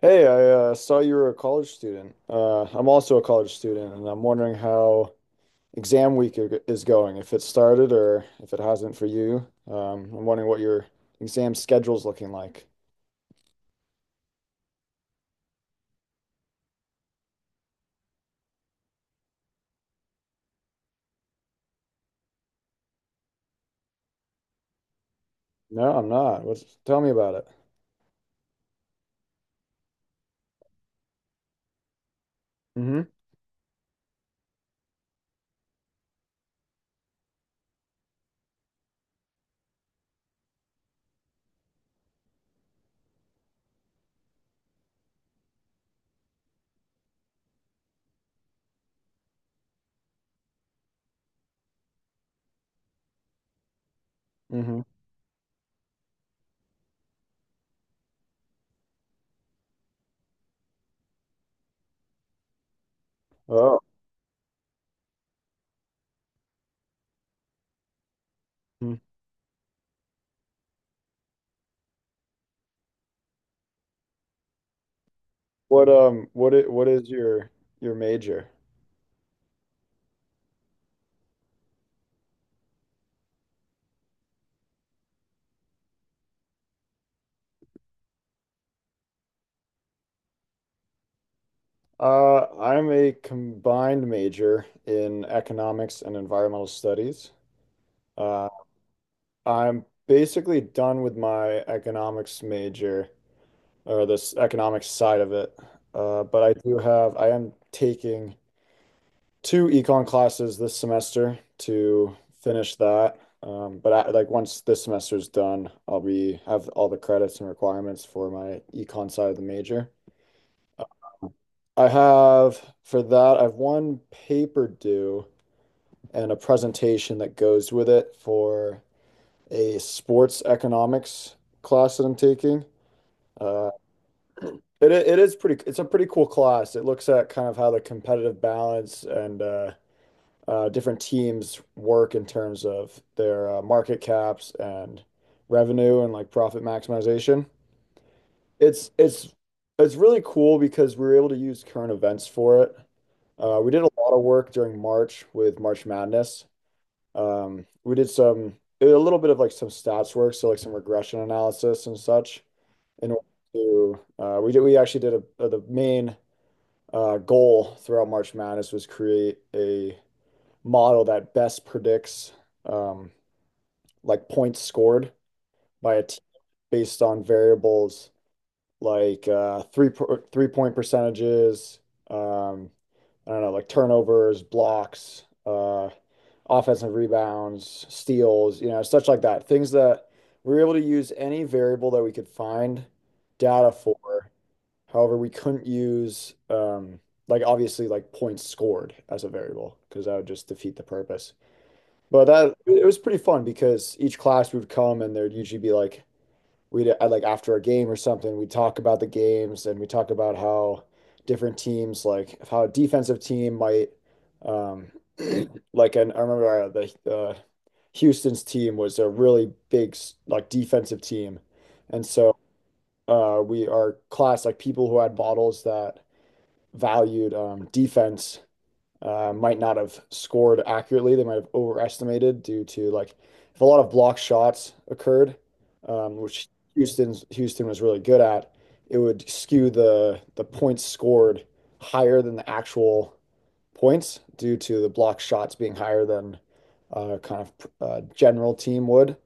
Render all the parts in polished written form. Hey, I saw you were a college student. I'm also a college student, and I'm wondering how exam week is going, if it started or if it hasn't for you. I'm wondering what your exam schedule's looking like. No, I'm not. Tell me about it. Hmm, hmm. Oh. Mhm. What is your major? I'm a combined major in economics and environmental studies. Uh, I'm basically done with my economics major, or this economics side of it. But I am taking two econ classes this semester to finish that. But like once this semester's done, I'll be have all the credits and requirements for my econ side of the major. I have for that, I have one paper due and a presentation that goes with it for a sports economics class that I'm taking. Uh, it is pretty. It's a pretty cool class. It looks at kind of how the competitive balance and different teams work in terms of their market caps and revenue and like profit maximization. It's it's it's really cool because we were able to use current events for it. We did a lot of work during March with March Madness. We did some a little bit of like some stats work, so like some regression analysis and such in order to, we actually did the main goal throughout March Madness was create a model that best predicts um, like points scored by a team based on variables like three point percentages, um, I don't know, like turnovers, blocks, offensive rebounds, steals, you know, such like that. Things that we were able to use any variable that we could find data for. However, we couldn't use like obviously like points scored as a variable because that would just defeat the purpose. But that it was pretty fun because each class would come and there'd usually be like we'd like after a game or something, we'd talk about the games and we talk about how different teams, like how a defensive team might, um, like, and I remember the Houston's team was a really big like defensive team. And so we our class, like people who had models that valued defense, might not have scored accurately. They might have overestimated due to like if a lot of block shots occurred, which Houston was really good at, it would skew the points scored higher than the actual points due to the block shots being higher than uh, kind of general team would.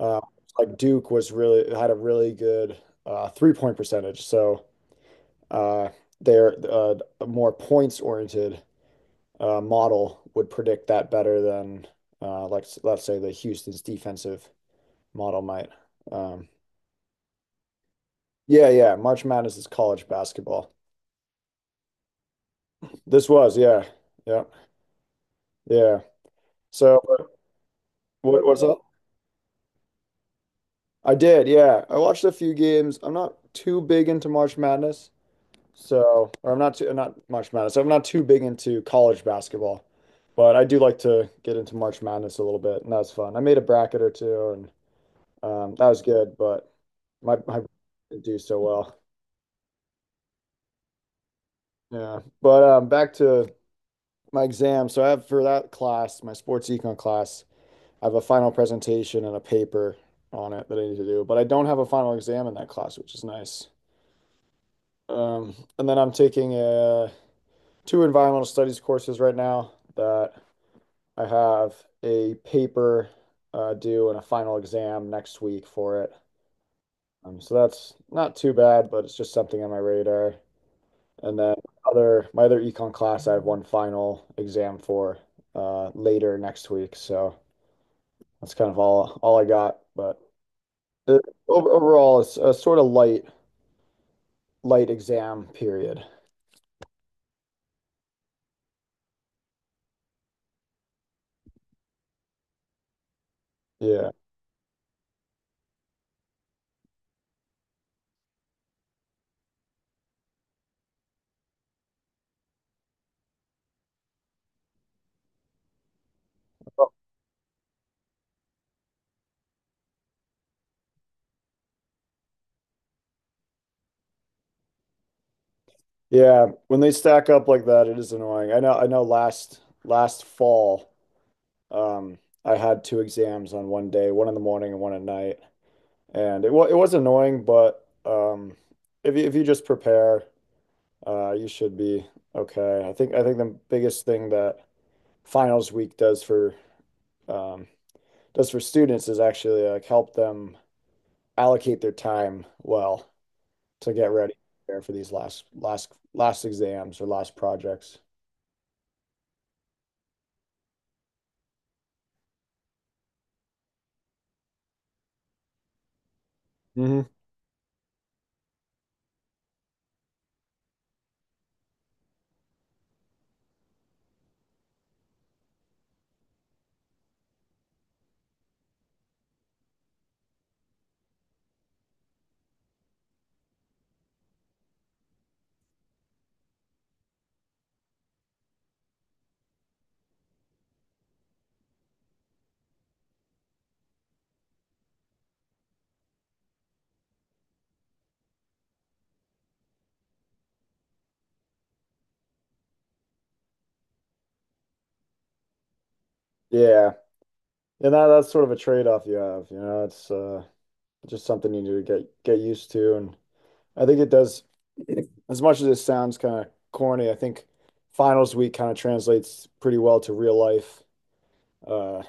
Uh, Like Duke was really had a really good three-point percentage. So uh, they're, a more points-oriented model would predict that better than, like let's say the Houston's defensive model might. Um, yeah, yeah. March Madness is college basketball. This was, yeah, yeah, yeah. So, what's up? I did, yeah. I watched a few games. I'm not too big into March Madness. So, or I'm not too, not March Madness. I'm not too big into college basketball, but I do like to get into March Madness a little bit, and that was fun. I made a bracket or two, and that was good, but my bracket didn't do so well. Yeah, but back to my exam. So I have for that class, my sports econ class, I have a final presentation and a paper on it that I need to do, but I don't have a final exam in that class, which is nice. And then I'm taking two environmental studies courses right now that I have a paper due and a final exam next week for it. So that's not too bad, but it's just something on my radar. And then other my other econ class, I have one final exam for, later next week. So that's kind of all I got. But it, overall, it's a sort of light exam period. Yeah. Yeah, when they stack up like that, it is annoying. I know, last fall. Um, I had two exams on one day, one in the morning and one at night, and it was annoying, but if you just prepare, you should be okay. I think the biggest thing that finals week does for, um, does for students is actually like help them allocate their time well to get ready there for these last exams or last projects. Hmm. Yeah, and that's sort of a trade-off you have, you know. It's, just something you need to get used to. And I think it does, as much as it sounds kind of corny, I think finals week kind of translates pretty well to real life. Uh,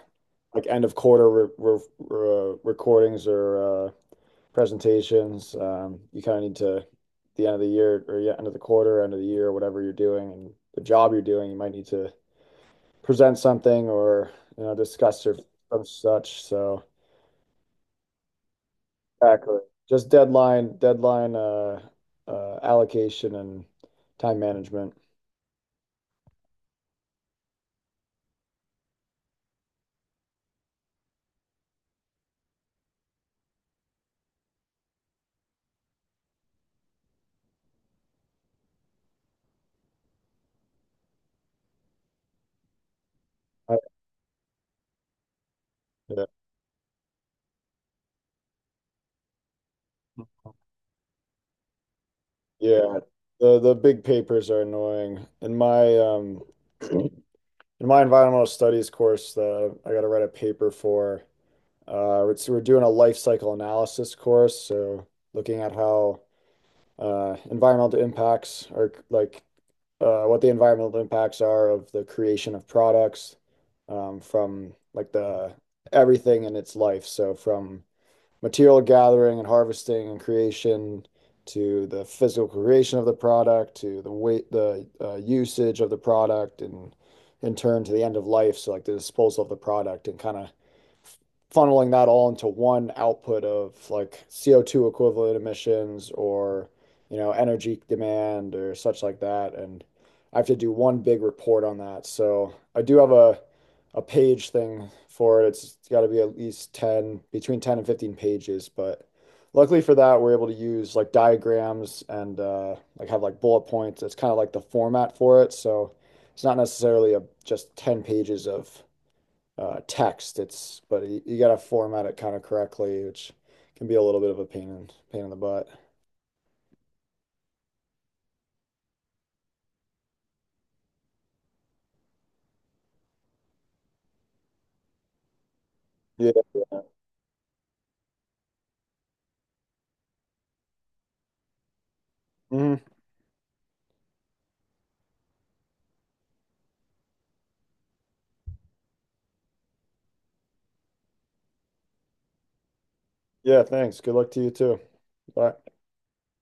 like end of quarter recordings or presentations. You kind of need to, the end of the year, or yeah, end of the quarter, end of the year, whatever you're doing and the job you're doing, you might need to present something or you know discuss or such. So. Exactly. Just deadline, deadline, allocation and time management. I, yeah, yeah. The big papers are annoying. In my in my environmental studies course, that I got to write a paper for. We're doing a life cycle analysis course, so looking at how environmental impacts are like, what the environmental impacts are of the creation of products, from like the everything in its life. So from material gathering and harvesting and creation to the physical creation of the product to the weight, the usage of the product, and in turn to the end of life, so like the disposal of the product and kind of funneling that all into one output of like CO2 equivalent emissions or, you know, energy demand or such like that. And I have to do one big report on that. So I do have a page thing for it. It's got to be at least 10, between 10 and 15 pages. But luckily for that, we're able to use like diagrams and like have like bullet points. It's kind of like the format for it. So it's not necessarily a just 10 pages of text. It's but you got to format it kind of correctly, which can be a little bit of a pain in the butt. Yeah. Hmm. Yeah, thanks. Good luck to you too. Bye.